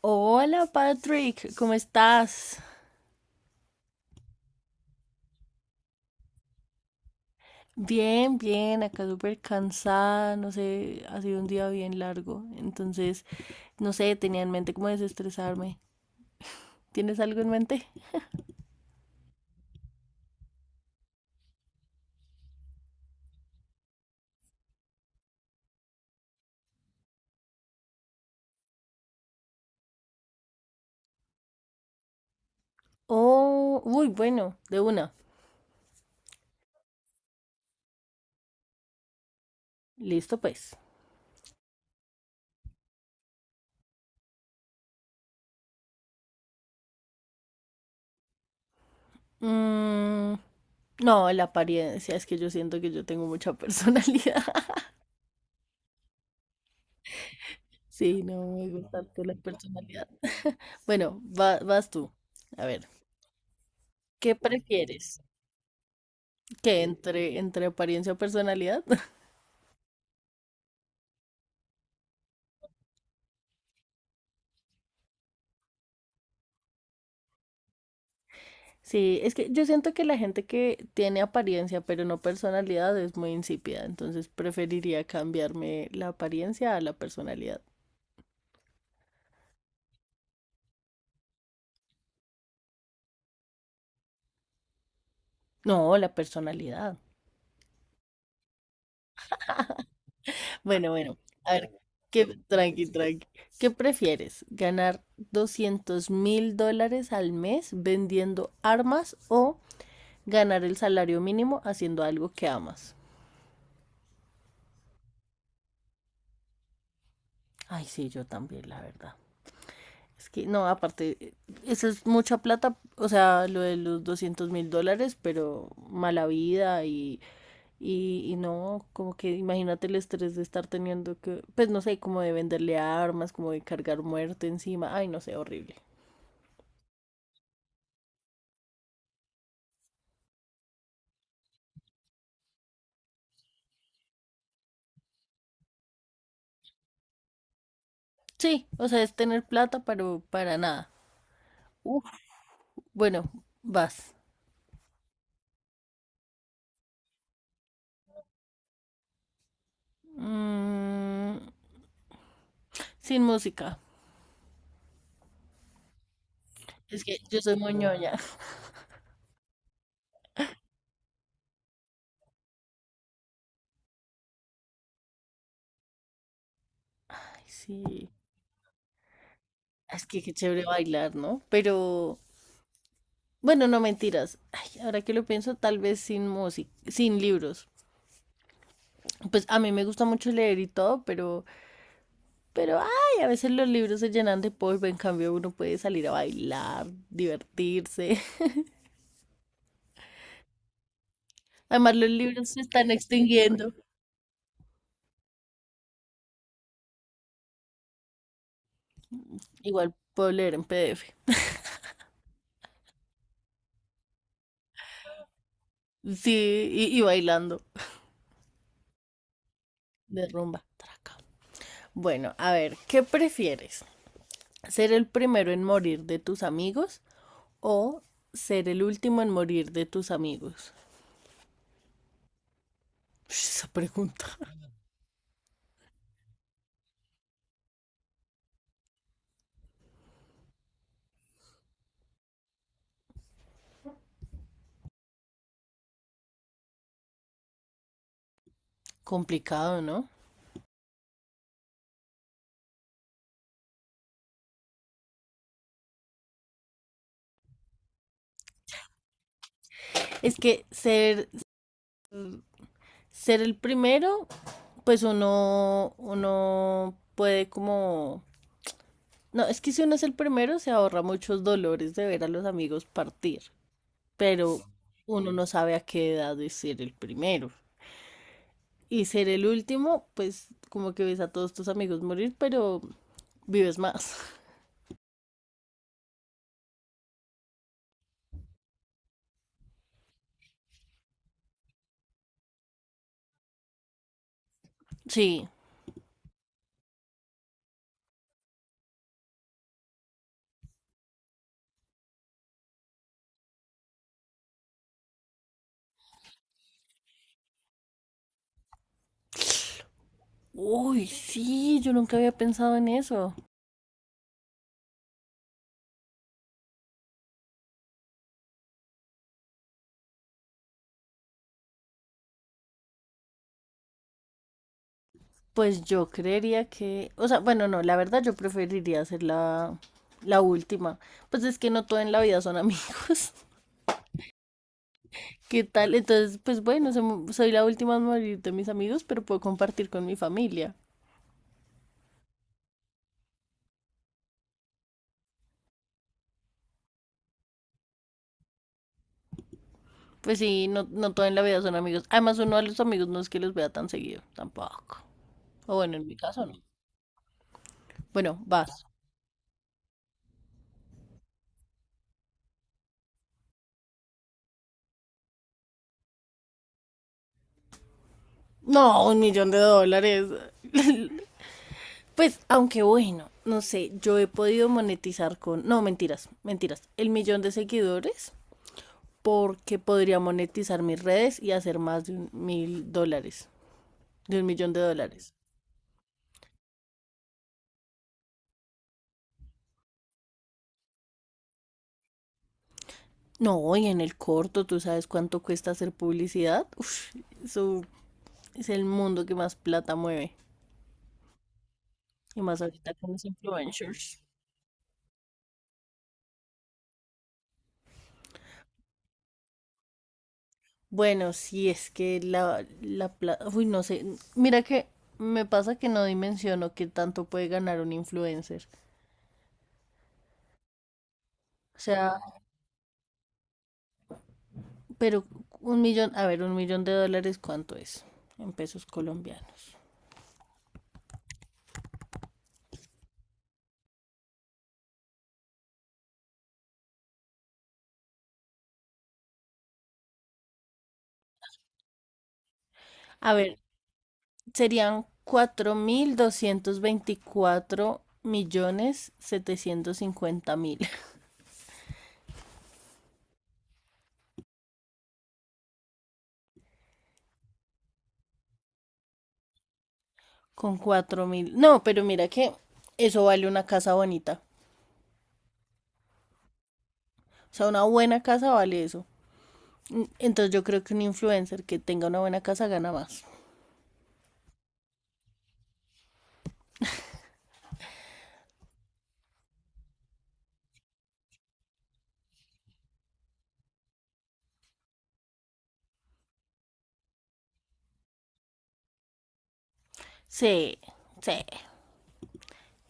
Hola Patrick, ¿cómo estás? Bien, bien, acá súper cansada, no sé, ha sido un día bien largo, entonces, no sé, tenía en mente cómo desestresarme. ¿Tienes algo en mente? Oh, uy, bueno, de una. Listo, pues. Mm, no, la apariencia, es que yo siento que yo tengo mucha personalidad. Sí, no me gusta tanto la personalidad. Bueno, vas tú. A ver, ¿qué prefieres? ¿Qué entre apariencia o personalidad? Sí, es que yo siento que la gente que tiene apariencia pero no personalidad es muy insípida, entonces preferiría cambiarme la apariencia a la personalidad. No, la personalidad. Bueno, bueno, a ver. Tranqui, tranqui. ¿Qué prefieres? ¿Ganar $200,000 al mes vendiendo armas o ganar el salario mínimo haciendo algo que amas? Ay, sí, yo también, la verdad. Es que no, aparte, eso es mucha plata, o sea, lo de los $200,000, pero mala vida y no, como que imagínate el estrés de estar teniendo que, pues no sé, como de venderle armas, como de cargar muerte encima, ay, no sé, horrible. Sí, o sea, es tener plata, pero para nada. Uf, bueno, vas. Mm, Sin música. Es que yo soy muy ñoña. Ay, sí. Es que qué chévere bailar, ¿no? Bueno, no mentiras. Ay, ahora que lo pienso, tal vez sin música, sin libros. Pues a mí me gusta mucho leer y todo, pero ay, a veces los libros se llenan de polvo, en cambio uno puede salir a bailar, divertirse. Además, los libros se están extinguiendo. Igual puedo leer en PDF. Sí, y bailando de rumba. Traca. Bueno, a ver, ¿qué prefieres? ¿Ser el primero en morir de tus amigos o ser el último en morir de tus amigos? Ush, esa pregunta. Complicado, ¿no? Es que ser el primero, pues uno puede como... No, es que si uno es el primero se ahorra muchos dolores de ver a los amigos partir, pero uno no sabe a qué edad es ser el primero. Y ser el último, pues como que ves a todos tus amigos morir, pero vives más. Sí. Uy, sí, yo nunca había pensado en eso. Pues yo creería que, o sea, bueno, no, la verdad yo preferiría hacer la última. Pues es que no todo en la vida son amigos. ¿Qué tal? Entonces, pues bueno, soy la última en morir de mis amigos, pero puedo compartir con mi familia. Pues sí, no, no todo en la vida son amigos. Además, uno a los amigos no es que los vea tan seguido, tampoco. O bueno, en mi caso no. Bueno, vas. No, $1,000,000. Pues, aunque bueno, no sé, yo he podido monetizar con, no, mentiras, mentiras, el millón de seguidores porque podría monetizar mis redes y hacer más de $1,000, de $1,000,000. No, y en el corto, ¿tú sabes cuánto cuesta hacer publicidad? Uf, eso es el mundo que más plata mueve. Y más ahorita con los influencers. Bueno, si es que la plata... Uy, no sé. Mira que me pasa que no dimensiono qué tanto puede ganar un influencer. O sea, pero un millón, a ver, $1,000,000, ¿cuánto es en pesos colombianos? A ver, serían 4,224,750,000 con 4,000. No, pero mira que eso vale una casa bonita. O sea, una buena casa vale eso. Entonces yo creo que un influencer que tenga una buena casa gana más. Sí, sí.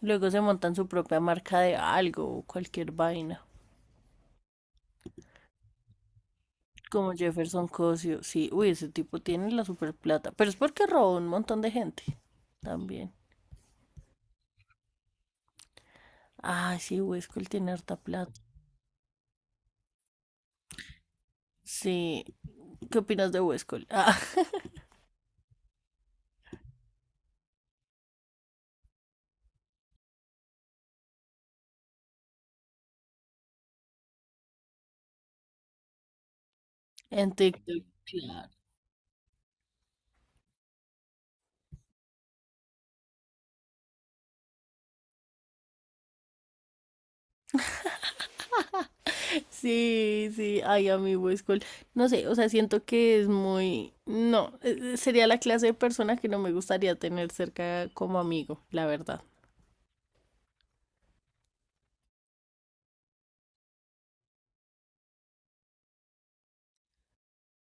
Luego se montan su propia marca de algo o cualquier vaina. Como Jefferson Cosio, sí, uy, ese tipo tiene la super plata, pero es porque robó un montón de gente también. Ah, sí, Huescol tiene harta plata. Sí, ¿qué opinas de Huescol? Ah, en TikTok. Claro. Sí, sí, ay, a mí Huescol. No sé, o sea, siento que es muy... No, sería la clase de persona que no me gustaría tener cerca como amigo, la verdad.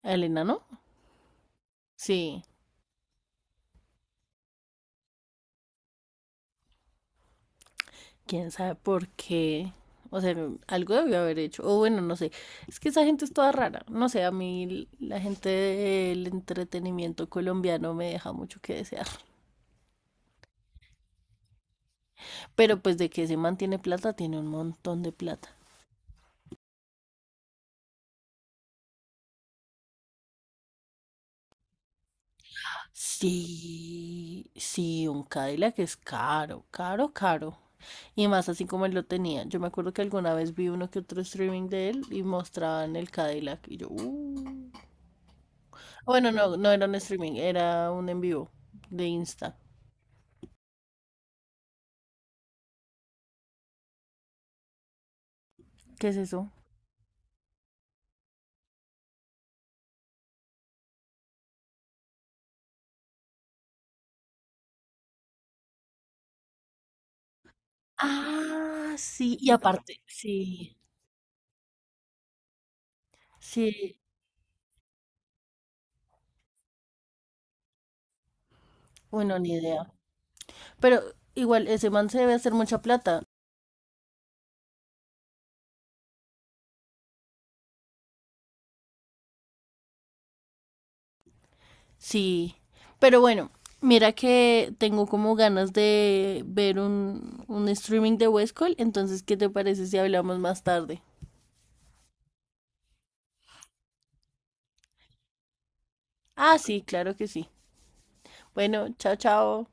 ¿A Elena, no? Sí. Quién sabe por qué. O sea, algo debió haber hecho. O bueno, no sé. Es que esa gente es toda rara. No sé, a mí la gente del entretenimiento colombiano me deja mucho que desear. Pero pues de que se mantiene plata, tiene un montón de plata. Sí, sí, un Cadillac es caro, caro, caro. Y más así como él lo tenía. Yo me acuerdo que alguna vez vi uno que otro streaming de él y mostraban el Cadillac. Y yo. Bueno, no, no era un streaming, era un en vivo de Insta. ¿Qué es eso? Ah, sí, y aparte, sí, sí, bueno, ni idea. Pero igual, ese man se debe hacer mucha plata. Sí. Pero bueno, mira que tengo como ganas de ver un streaming de Westcall. Entonces, ¿qué te parece si hablamos más tarde? Ah, sí, claro que sí. Bueno, chao, chao.